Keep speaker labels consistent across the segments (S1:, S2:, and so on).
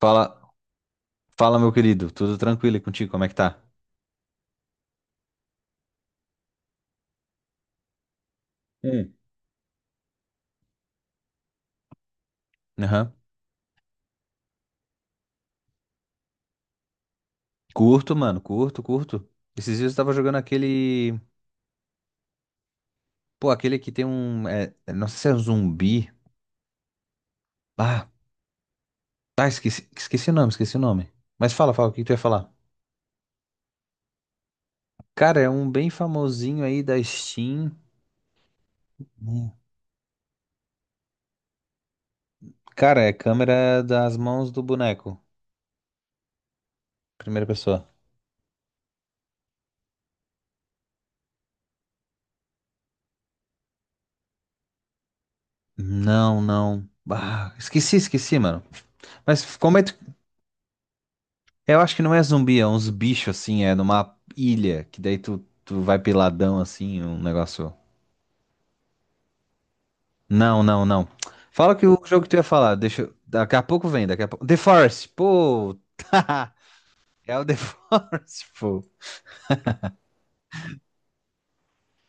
S1: Fala, fala, meu querido. Tudo tranquilo e contigo? Como é que tá? Hum. Aham. Curto, mano. Curto. Esses dias eu tava jogando aquele. Pô, aquele que tem um. Não sei se é um zumbi. Ah, tá. Esqueci o nome. Mas fala, o que que tu ia falar? Cara, é um bem famosinho aí da Steam. Hum. Cara, é câmera das mãos do boneco. Primeira pessoa. Não, não. Ah, esqueci, mano. Mas como é? Eu acho que não é zumbi, é uns bichos assim, é numa ilha, que daí tu vai peladão assim, um negócio. Não, não, não. Fala que o jogo que tu ia falar, deixa. Daqui a pouco vem, daqui a pouco. The Forest, pô! É o The Forest, pô.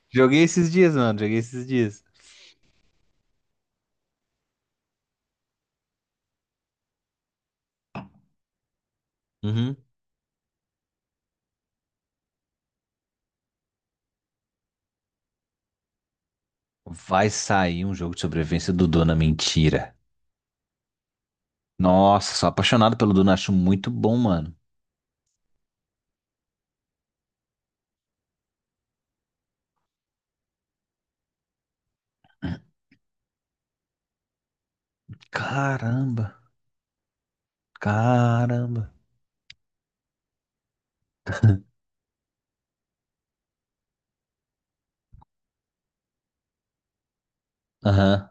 S1: Joguei esses dias, mano, joguei esses dias. Uhum. Vai sair um jogo de sobrevivência do Dona Mentira. Nossa, sou apaixonado pelo Dona, acho muito bom, mano. Caramba, caramba. Aham.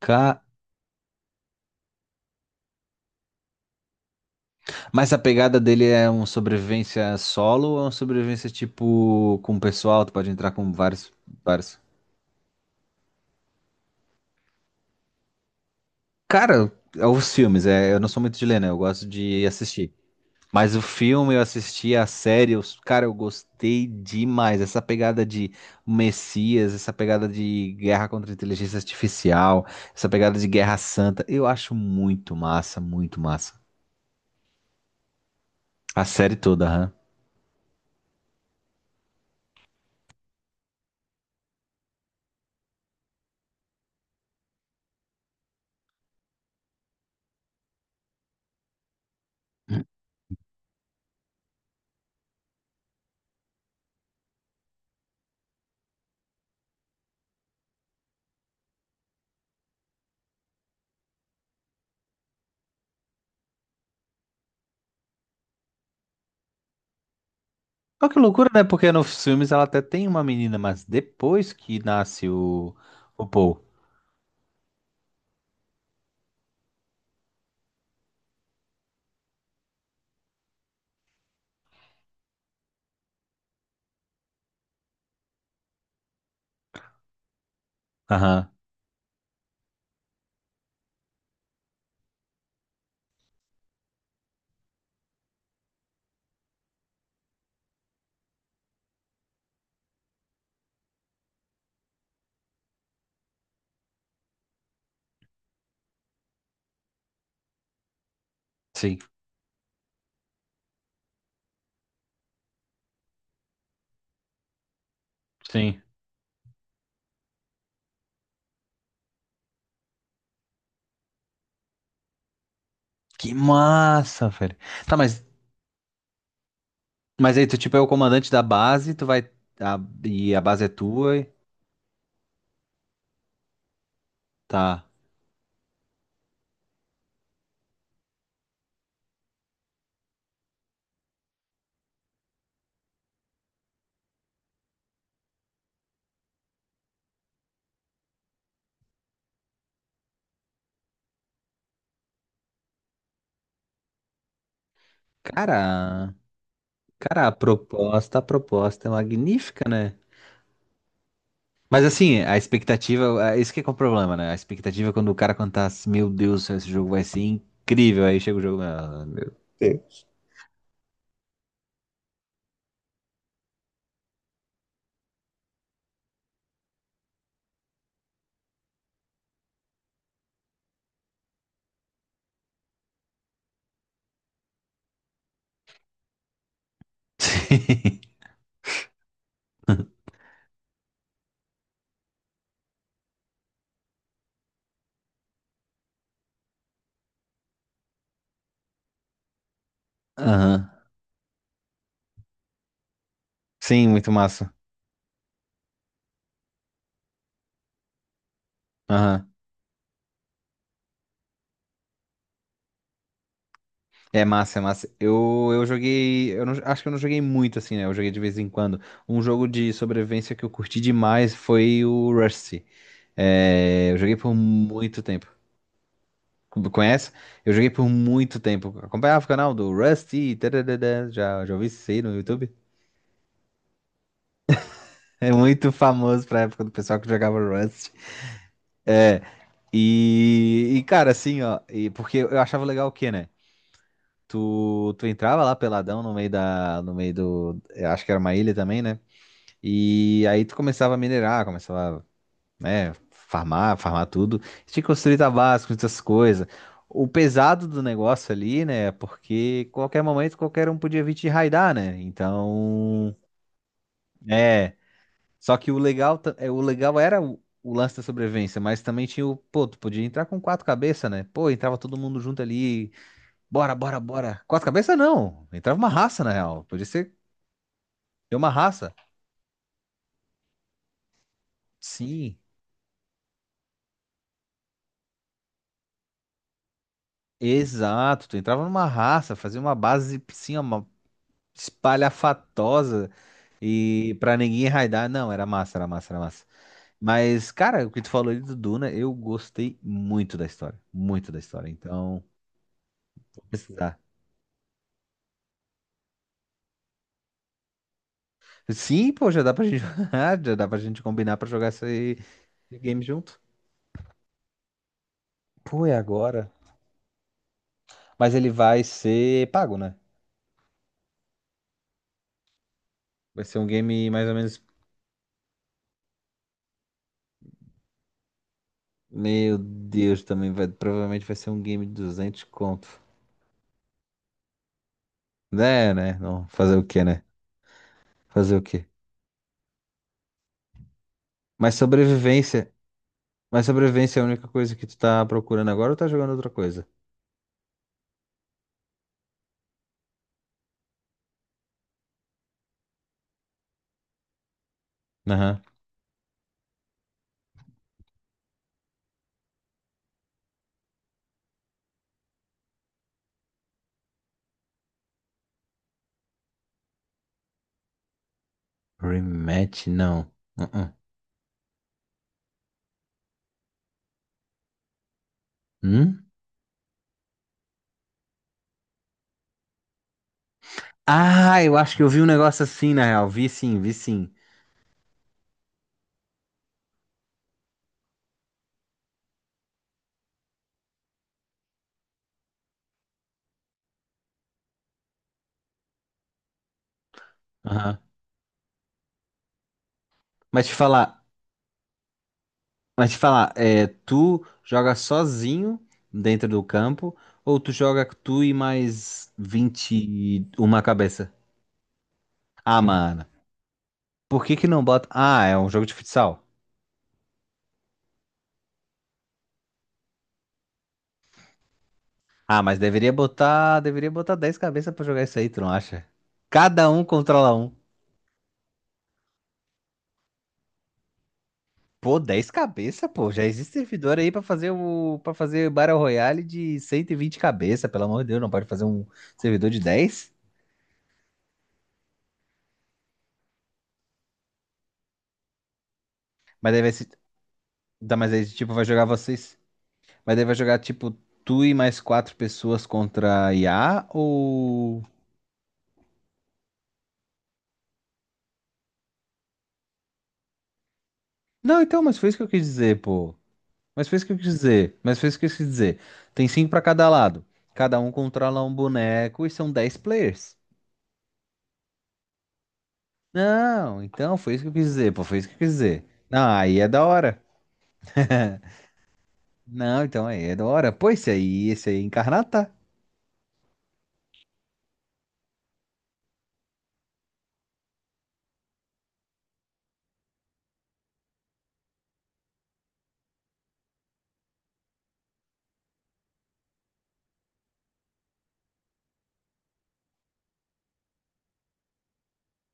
S1: Ca- Mas a pegada dele é um sobrevivência solo ou é um sobrevivência tipo com o pessoal? Tu pode entrar com vários. Cara, é os filmes, é, eu não sou muito de ler, né? Eu gosto de assistir. Mas o filme eu assisti, a série, eu, cara, eu gostei demais. Essa pegada de Messias, essa pegada de guerra contra a inteligência artificial, essa pegada de Guerra Santa, eu acho muito massa, muito massa. A série toda, aham. Olha que loucura, né? Porque nos filmes ela até tem uma menina, mas depois que nasce o Paul. Aham. Sim, sim. Que massa, velho. Tá, mas aí tu, tipo, é o comandante da base, tu vai. a- e a base é tua, tá. Cara, cara, a proposta é magnífica, né? Mas assim, a expectativa, é isso que é o problema, né? A expectativa é quando o cara contar assim, meu Deus, do céu, esse jogo vai ser incrível, aí chega o jogo, ah, meu. Aham. Sim, muito massa. Aham. É massa, é massa. Eu joguei. Eu não- Acho que eu não joguei muito assim, né? Eu joguei de vez em quando. Um jogo de sobrevivência que eu curti demais foi o Rusty. É, eu joguei por muito tempo. Conhece? Eu joguei por muito tempo. Acompanhava o canal do Rusty. Tadadadá. Já ouvi isso aí no YouTube. É muito famoso pra época do pessoal que jogava Rust. É, e cara, assim, ó, e porque eu achava legal o quê, né? Tu entrava lá peladão no meio da, no meio do, eu acho que era uma ilha também, né? E aí tu começava a minerar, começava, né, farmar tudo. Tinha que construir tabasco, essas coisas. O pesado do negócio ali, né, é porque qualquer momento qualquer um podia vir te raidar, né? Então, é, só que o legal, é, o legal era o lance da sobrevivência, mas também tinha o, pô, tu podia entrar com quatro cabeças, né? Pô, entrava todo mundo junto ali, Bora. Quatro cabeças não. Entrava uma raça, na real. Podia ser de uma raça. Sim, exato. Tu entrava numa raça, fazia uma base, sim, uma espalhafatosa e pra ninguém raidar. Não, era massa. Mas, cara, o que tu falou ali do Duna, eu gostei muito da história. Muito da história. Então, vou precisar. Sim, pô, já dá pra gente, jogar, já dá pra gente combinar pra jogar esse game junto. Pô, é agora. Mas ele vai ser pago, né? Vai ser um game mais ou menos. Meu Deus, também vai, provavelmente vai ser um game de 200 conto. É, né? Não, fazer o quê, né? Fazer o quê? Mas sobrevivência, mas sobrevivência é a única coisa que tu tá procurando agora ou tá jogando outra coisa? Aham. Rematch, não. Uh-uh. Hum? Ah, eu acho que eu vi um negócio assim, na real. Vi sim, vi sim. Aham. Mas te falar, mas te falar, é, tu joga sozinho dentro do campo ou tu joga tu e mais 21 cabeça? Ah, mano. Por que que não bota. Ah, é um jogo de futsal. Ah, mas deveria botar. Deveria botar 10 cabeças pra jogar isso aí, tu não acha? Cada um controla um. Pô, 10 cabeças, pô. Já existe servidor aí pra fazer o. Para fazer Battle Royale de 120 cabeças, pelo amor de Deus, não pode fazer um servidor de 10? Mas daí vai se. Dá mais aí, tipo, vai jogar vocês. Mas daí vai jogar, tipo, tu e mais quatro pessoas contra IA ou. Não, então, mas foi isso que eu quis dizer, pô. Mas fez o que eu quis dizer. Mas fez o que eu quis dizer. Tem cinco pra cada lado. Cada um controla um boneco e são 10 players. Não, então foi isso que eu quis dizer. Pô, foi isso que eu quis dizer. Não, aí é da hora. Não, então aí é da hora. Pô, esse aí é Incarnata?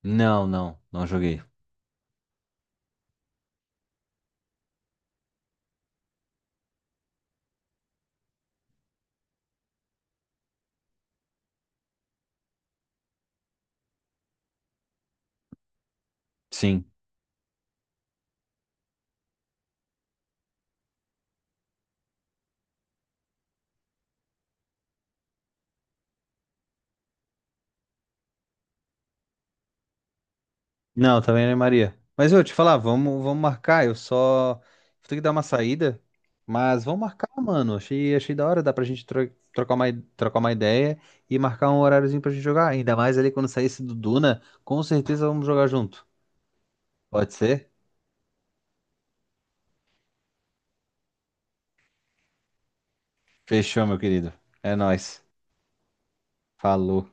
S1: Não, não, não joguei. Sim. Não, também não é Maria. Mas eu te falar, vamos marcar. Eu só vou ter que dar uma saída, mas vamos marcar, mano. Achei, achei da hora, dá pra gente trocar uma, trocar uma ideia e marcar um horáriozinho pra gente jogar. Ainda mais ali quando sair esse do Duna, com certeza vamos jogar junto. Pode ser? Fechou, meu querido. É nóis. Falou.